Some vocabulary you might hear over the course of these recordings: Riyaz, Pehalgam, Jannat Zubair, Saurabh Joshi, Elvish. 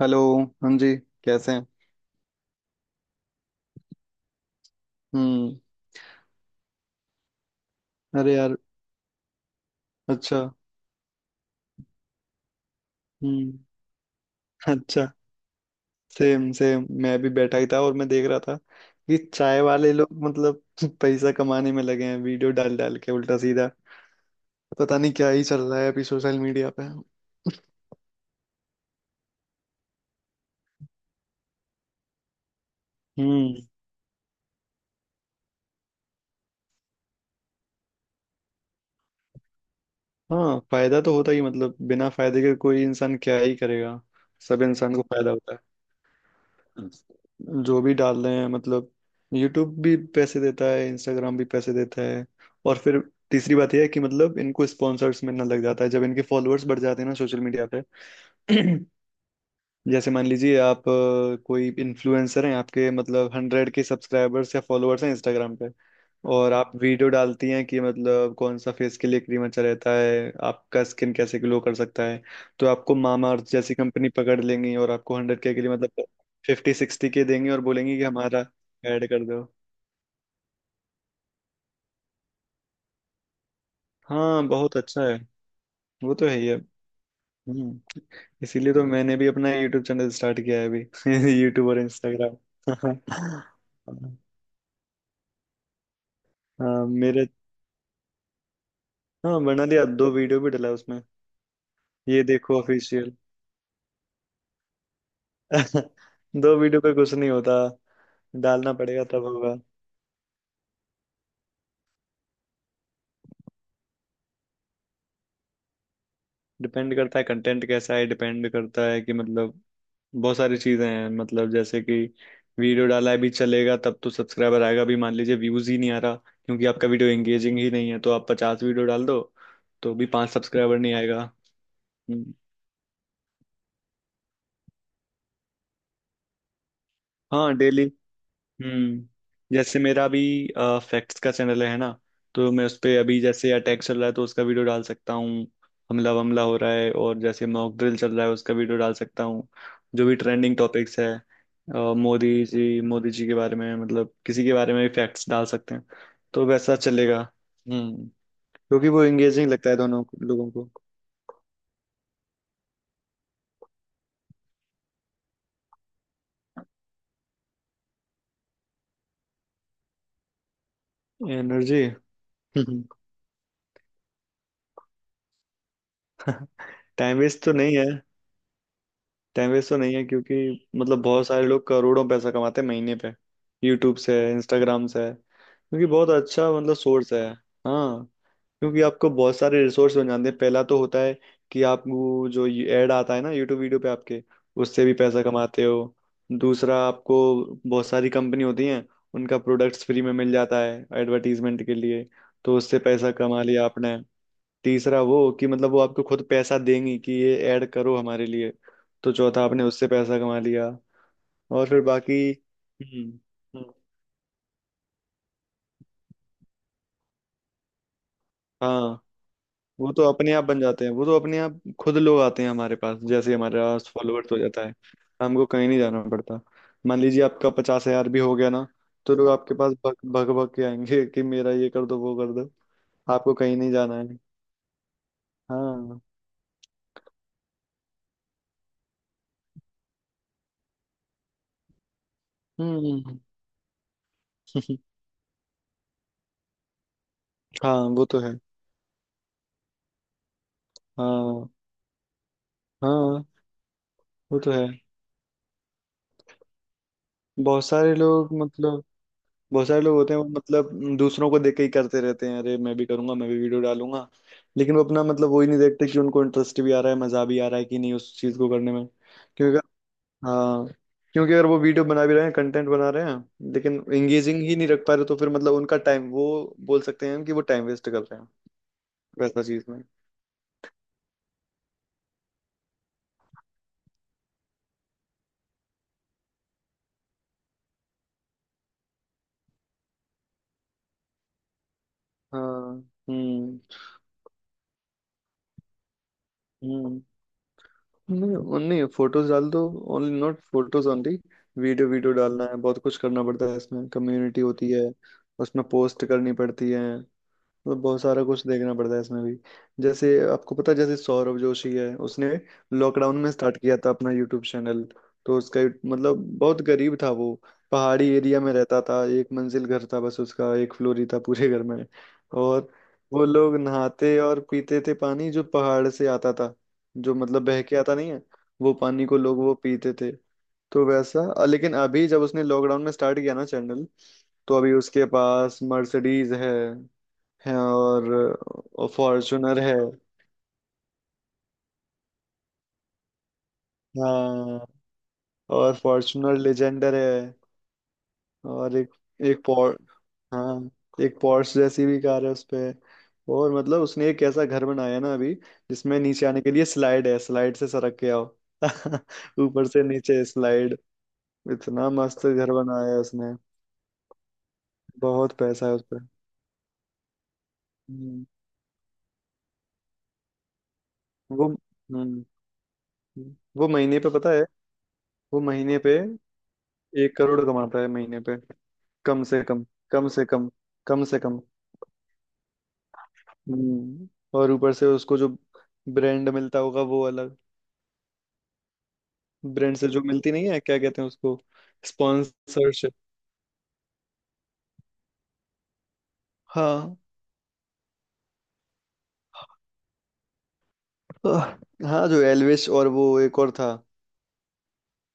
Hello. हाँ जी। कैसे हैं? हम्म। अरे यार। अच्छा। हम्म। अच्छा। सेम सेम मैं भी बैठा ही था और मैं देख रहा था कि चाय वाले लोग मतलब पैसा कमाने में लगे हैं वीडियो डाल डाल के उल्टा सीधा। पता नहीं क्या ही चल रहा है अभी सोशल मीडिया पे। हम्म। हाँ फायदा तो होता ही मतलब बिना फायदे के कोई इंसान क्या ही करेगा। सब इंसान को फायदा होता है जो भी डाल रहे हैं मतलब। यूट्यूब भी पैसे देता है, इंस्टाग्राम भी पैसे देता है। और फिर तीसरी बात यह है कि मतलब इनको स्पॉन्सर्स मिलना लग जाता है जब इनके फॉलोअर्स बढ़ जाते हैं ना सोशल मीडिया पे। जैसे मान लीजिए आप कोई इन्फ्लुएंसर हैं, आपके मतलब 100 के सब्सक्राइबर्स या फॉलोअर्स हैं इंस्टाग्राम पे। और आप वीडियो डालती हैं कि मतलब कौन सा फेस के लिए क्रीम अच्छा रहता है, आपका स्किन कैसे ग्लो कर सकता है। तो आपको मामाअर्थ जैसी कंपनी पकड़ लेंगी और आपको 100 के लिए मतलब 50 60 के देंगी और बोलेंगी कि हमारा ऐड कर दो। हाँ बहुत अच्छा है। वो तो है ही है। हम्म। इसीलिए तो मैंने भी अपना यूट्यूब चैनल स्टार्ट किया है अभी यूट्यूब और इंस्टाग्राम। हाँ मेरे। हाँ मनाली अब दो वीडियो भी डला उसमें। ये देखो ऑफिशियल। दो वीडियो पे कुछ नहीं होता, डालना पड़ेगा तब होगा। डिपेंड करता है कंटेंट कैसा है, डिपेंड करता है कि मतलब बहुत सारी चीजें हैं, मतलब जैसे कि वीडियो डाला है भी चलेगा तब तो सब्सक्राइबर आएगा भी। मान लीजिए व्यूज ही नहीं आ रहा क्योंकि आपका वीडियो एंगेजिंग ही नहीं है, तो आप 50 वीडियो डाल दो तो भी पांच सब्सक्राइबर नहीं आएगा। हम्म। हाँ डेली। हम्म। जैसे मेरा अभी फैक्ट्स का चैनल है ना, तो मैं उस पे अभी जैसे अटैक चल रहा है तो उसका वीडियो डाल सकता हूँ। हमला वमला हो रहा है, और जैसे मॉक ड्रिल चल रहा है उसका वीडियो डाल सकता हूँ। जो भी ट्रेंडिंग टॉपिक्स है, मोदी जी के बारे में मतलब किसी के बारे में भी फैक्ट्स डाल सकते हैं तो वैसा चलेगा। हम्म। क्योंकि वो एंगेजिंग लगता है लोगों को। एनर्जी। टाइम वेस्ट तो नहीं है, टाइम वेस्ट तो नहीं है क्योंकि मतलब बहुत सारे लोग करोड़ों पैसा कमाते हैं महीने पे, यूट्यूब से इंस्टाग्राम से क्योंकि बहुत अच्छा मतलब सोर्स है। हाँ। क्योंकि आपको बहुत सारे रिसोर्स बन जाते हैं। पहला तो होता है कि आपको जो एड आता है ना यूट्यूब वीडियो पे आपके, उससे भी पैसा कमाते हो। दूसरा आपको बहुत सारी कंपनी होती हैं, उनका प्रोडक्ट्स फ्री में मिल जाता है एडवर्टीजमेंट के लिए, तो उससे पैसा कमा लिया आपने। तीसरा वो कि मतलब वो आपको खुद पैसा देंगी कि ये ऐड करो हमारे लिए, तो चौथा आपने उससे पैसा कमा लिया। और फिर बाकी। हम्म। हम्म। हाँ। वो तो अपने आप बन जाते हैं, वो तो अपने आप खुद लोग आते हैं हमारे पास, जैसे ही हमारे पास फॉलोअर्स हो जाता है हमको कहीं नहीं जाना पड़ता। मान लीजिए आपका 50,000 भी हो गया ना, तो लोग आपके पास भग भग भग के आएंगे कि मेरा ये कर दो वो कर दो। आपको कहीं नहीं जाना है। हाँ। हम्म। हाँ वो तो है। हाँ हाँ वो तो है। बहुत सारे लोग मतलब बहुत सारे लोग होते हैं वो मतलब दूसरों को देख के ही करते रहते हैं, अरे मैं भी करूंगा, मैं भी वीडियो डालूंगा। लेकिन वो अपना मतलब वो ही नहीं देखते कि उनको इंटरेस्ट भी आ रहा है मजा भी आ रहा है कि नहीं उस चीज को करने में क्योंकि अगर-। हाँ। क्योंकि अगर वो वीडियो बना भी रहे हैं कंटेंट बना रहे हैं लेकिन एंगेजिंग ही नहीं रख पा रहे तो फिर मतलब उनका टाइम वो बोल सकते हैं हम कि वो टाइम वेस्ट कर रहे हैं। वैसा चीज में। हाँ। हम्म। हम्म। नहीं नहीं फोटोज डाल दो, only not photos only. Video video डालना है, बहुत कुछ करना पड़ता है इसमें, कम्युनिटी होती है उसमें पोस्ट करनी पड़ती है। मतलब बहुत सारा कुछ देखना पड़ता है इसमें भी। जैसे आपको पता है जैसे सौरभ जोशी है, उसने लॉकडाउन में स्टार्ट किया था अपना यूट्यूब चैनल। तो उसका मतलब बहुत गरीब था वो, पहाड़ी एरिया में रहता था, एक मंजिल घर था बस, उसका एक फ्लोर ही था पूरे घर में। और वो लोग नहाते और पीते थे पानी जो पहाड़ से आता था, जो मतलब बह के आता नहीं है वो पानी को लोग वो पीते थे। तो वैसा लेकिन अभी जब उसने लॉकडाउन में स्टार्ट किया ना चैनल तो अभी उसके पास मर्सिडीज है। हैं और फॉर्चुनर है। हाँ और फॉर्चुनर लेजेंडर है। और एक एक पॉर हाँ एक पॉर्श जैसी भी कार है उसपे। और मतलब उसने एक ऐसा घर बनाया है ना अभी जिसमें नीचे आने के लिए स्लाइड है, स्लाइड से सरक के आओ ऊपर से नीचे स्लाइड। इतना मस्त घर बनाया है उसने। बहुत पैसा है उस पर। हम्म, वो हम्म वो महीने पे पता है, वो महीने पे एक करोड़ कमाता है महीने पे। कम से कम, कम से कम, कम से कम। हम्म। और ऊपर से उसको जो ब्रांड मिलता होगा वो अलग, ब्रांड से जो मिलती नहीं है क्या कहते हैं उसको, स्पॉन्सरशिप। हाँ। आह, हाँ जो एलविश और वो एक और था,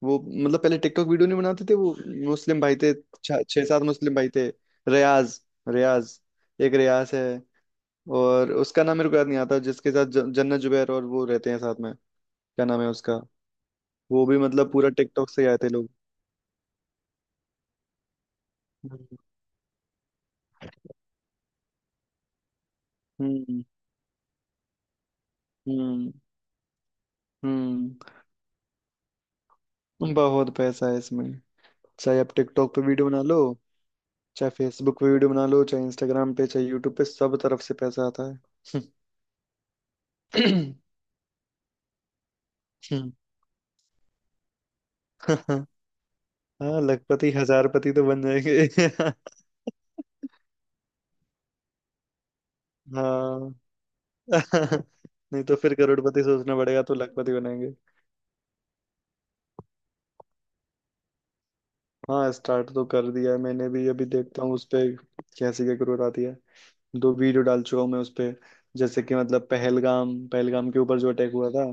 वो मतलब पहले टिकटॉक वीडियो नहीं बनाते थे वो। मुस्लिम भाई थे। छह छह सात मुस्लिम भाई थे। रियाज। रियाज। एक रियाज है। और उसका नाम मेरे को याद नहीं आता जिसके साथ जन्नत जुबैर और वो रहते हैं साथ में। क्या नाम है उसका। वो भी मतलब पूरा टिकटॉक से ही आए थे लोग। हम्म। हम्म। हम्म। बहुत पैसा है इसमें, चाहे आप टिकटॉक पे वीडियो बना लो, चाहे फेसबुक पे वीडियो बना लो, चाहे इंस्टाग्राम पे, चाहे यूट्यूब पे, सब तरफ से पैसा आता है। हम्म, हाँ लखपति हजारपति तो बन जाएंगे। हाँ नहीं तो फिर करोड़पति सोचना पड़ेगा तो लखपति बनेंगे। हाँ स्टार्ट तो कर दिया है मैंने भी, अभी देखता हूँ उस पे कैसी क्या ग्रोथ आती है। दो वीडियो डाल चुका हूँ मैं उस पे। जैसे कि मतलब पहलगाम पहलगाम के ऊपर जो अटैक हुआ था,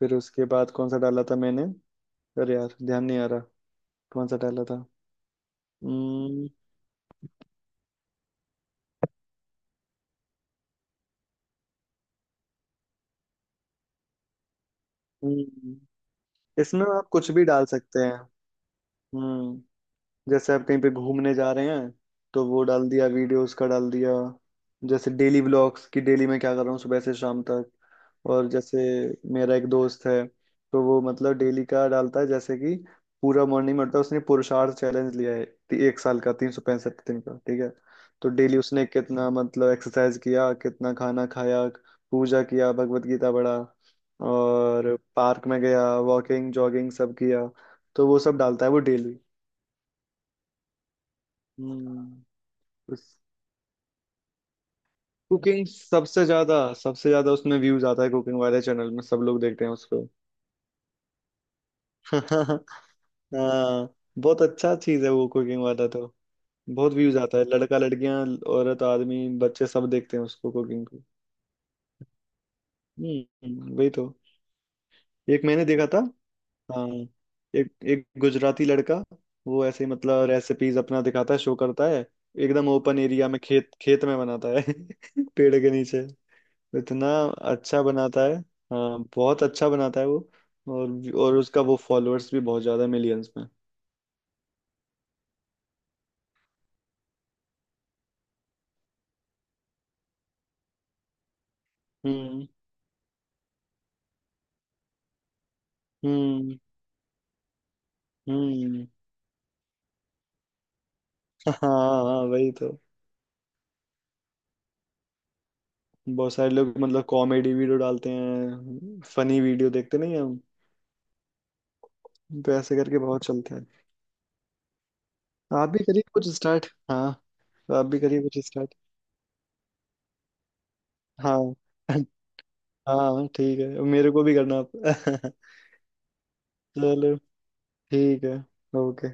फिर उसके बाद कौन सा डाला था मैंने, अरे यार ध्यान नहीं आ रहा कौन सा डाला था। हम्म। हम्म, इसमें आप कुछ भी डाल सकते हैं। हम्म। जैसे आप कहीं पे घूमने जा रहे हैं तो वो डाल दिया, वीडियोस का डाल दिया, जैसे डेली व्लॉग्स कि डेली मैं क्या कर रहा हूँ सुबह से शाम तक। और जैसे मेरा एक दोस्त है तो वो मतलब डेली का डालता है, जैसे कि पूरा मॉर्निंग में उठता है, उसने पुरुषार्थ चैलेंज लिया है एक साल का 365 दिन का ठीक है। तो डेली उसने कितना मतलब एक्सरसाइज किया, कितना खाना खाया, पूजा किया, भगवत गीता पढ़ा, और पार्क में गया, वॉकिंग जॉगिंग सब किया, तो वो सब डालता है वो डेली। हम्म। कुकिंग सबसे ज्यादा उसमें व्यूज आता है, कुकिंग वाले चैनल में सब लोग देखते हैं उसको। हाँ बहुत अच्छा चीज है वो कुकिंग वाला तो, बहुत व्यूज आता है, लड़का लड़कियां औरत आदमी बच्चे सब देखते हैं उसको कुकिंग को। वही तो। एक मैंने देखा था। हाँ एक एक गुजराती लड़का, वो ऐसे ही मतलब रेसिपीज अपना दिखाता है, शो करता है, एकदम ओपन एरिया में खेत खेत में बनाता है पेड़ के नीचे। इतना अच्छा बनाता है। हाँ बहुत अच्छा बनाता है वो, और उसका वो फॉलोअर्स भी बहुत ज्यादा मिलियंस में। हम्म। हम्म। हम्म। हाँ हाँ वही तो। बहुत सारे लोग मतलब कॉमेडी वीडियो डालते हैं फनी वीडियो, देखते नहीं हम, तो ऐसे करके बहुत चलते हैं। आप भी करिए कुछ स्टार्ट। हाँ। तो आप भी करिए कुछ स्टार्ट। हाँ हाँ ठीक है मेरे को भी करना आप चलो ठीक है ओके।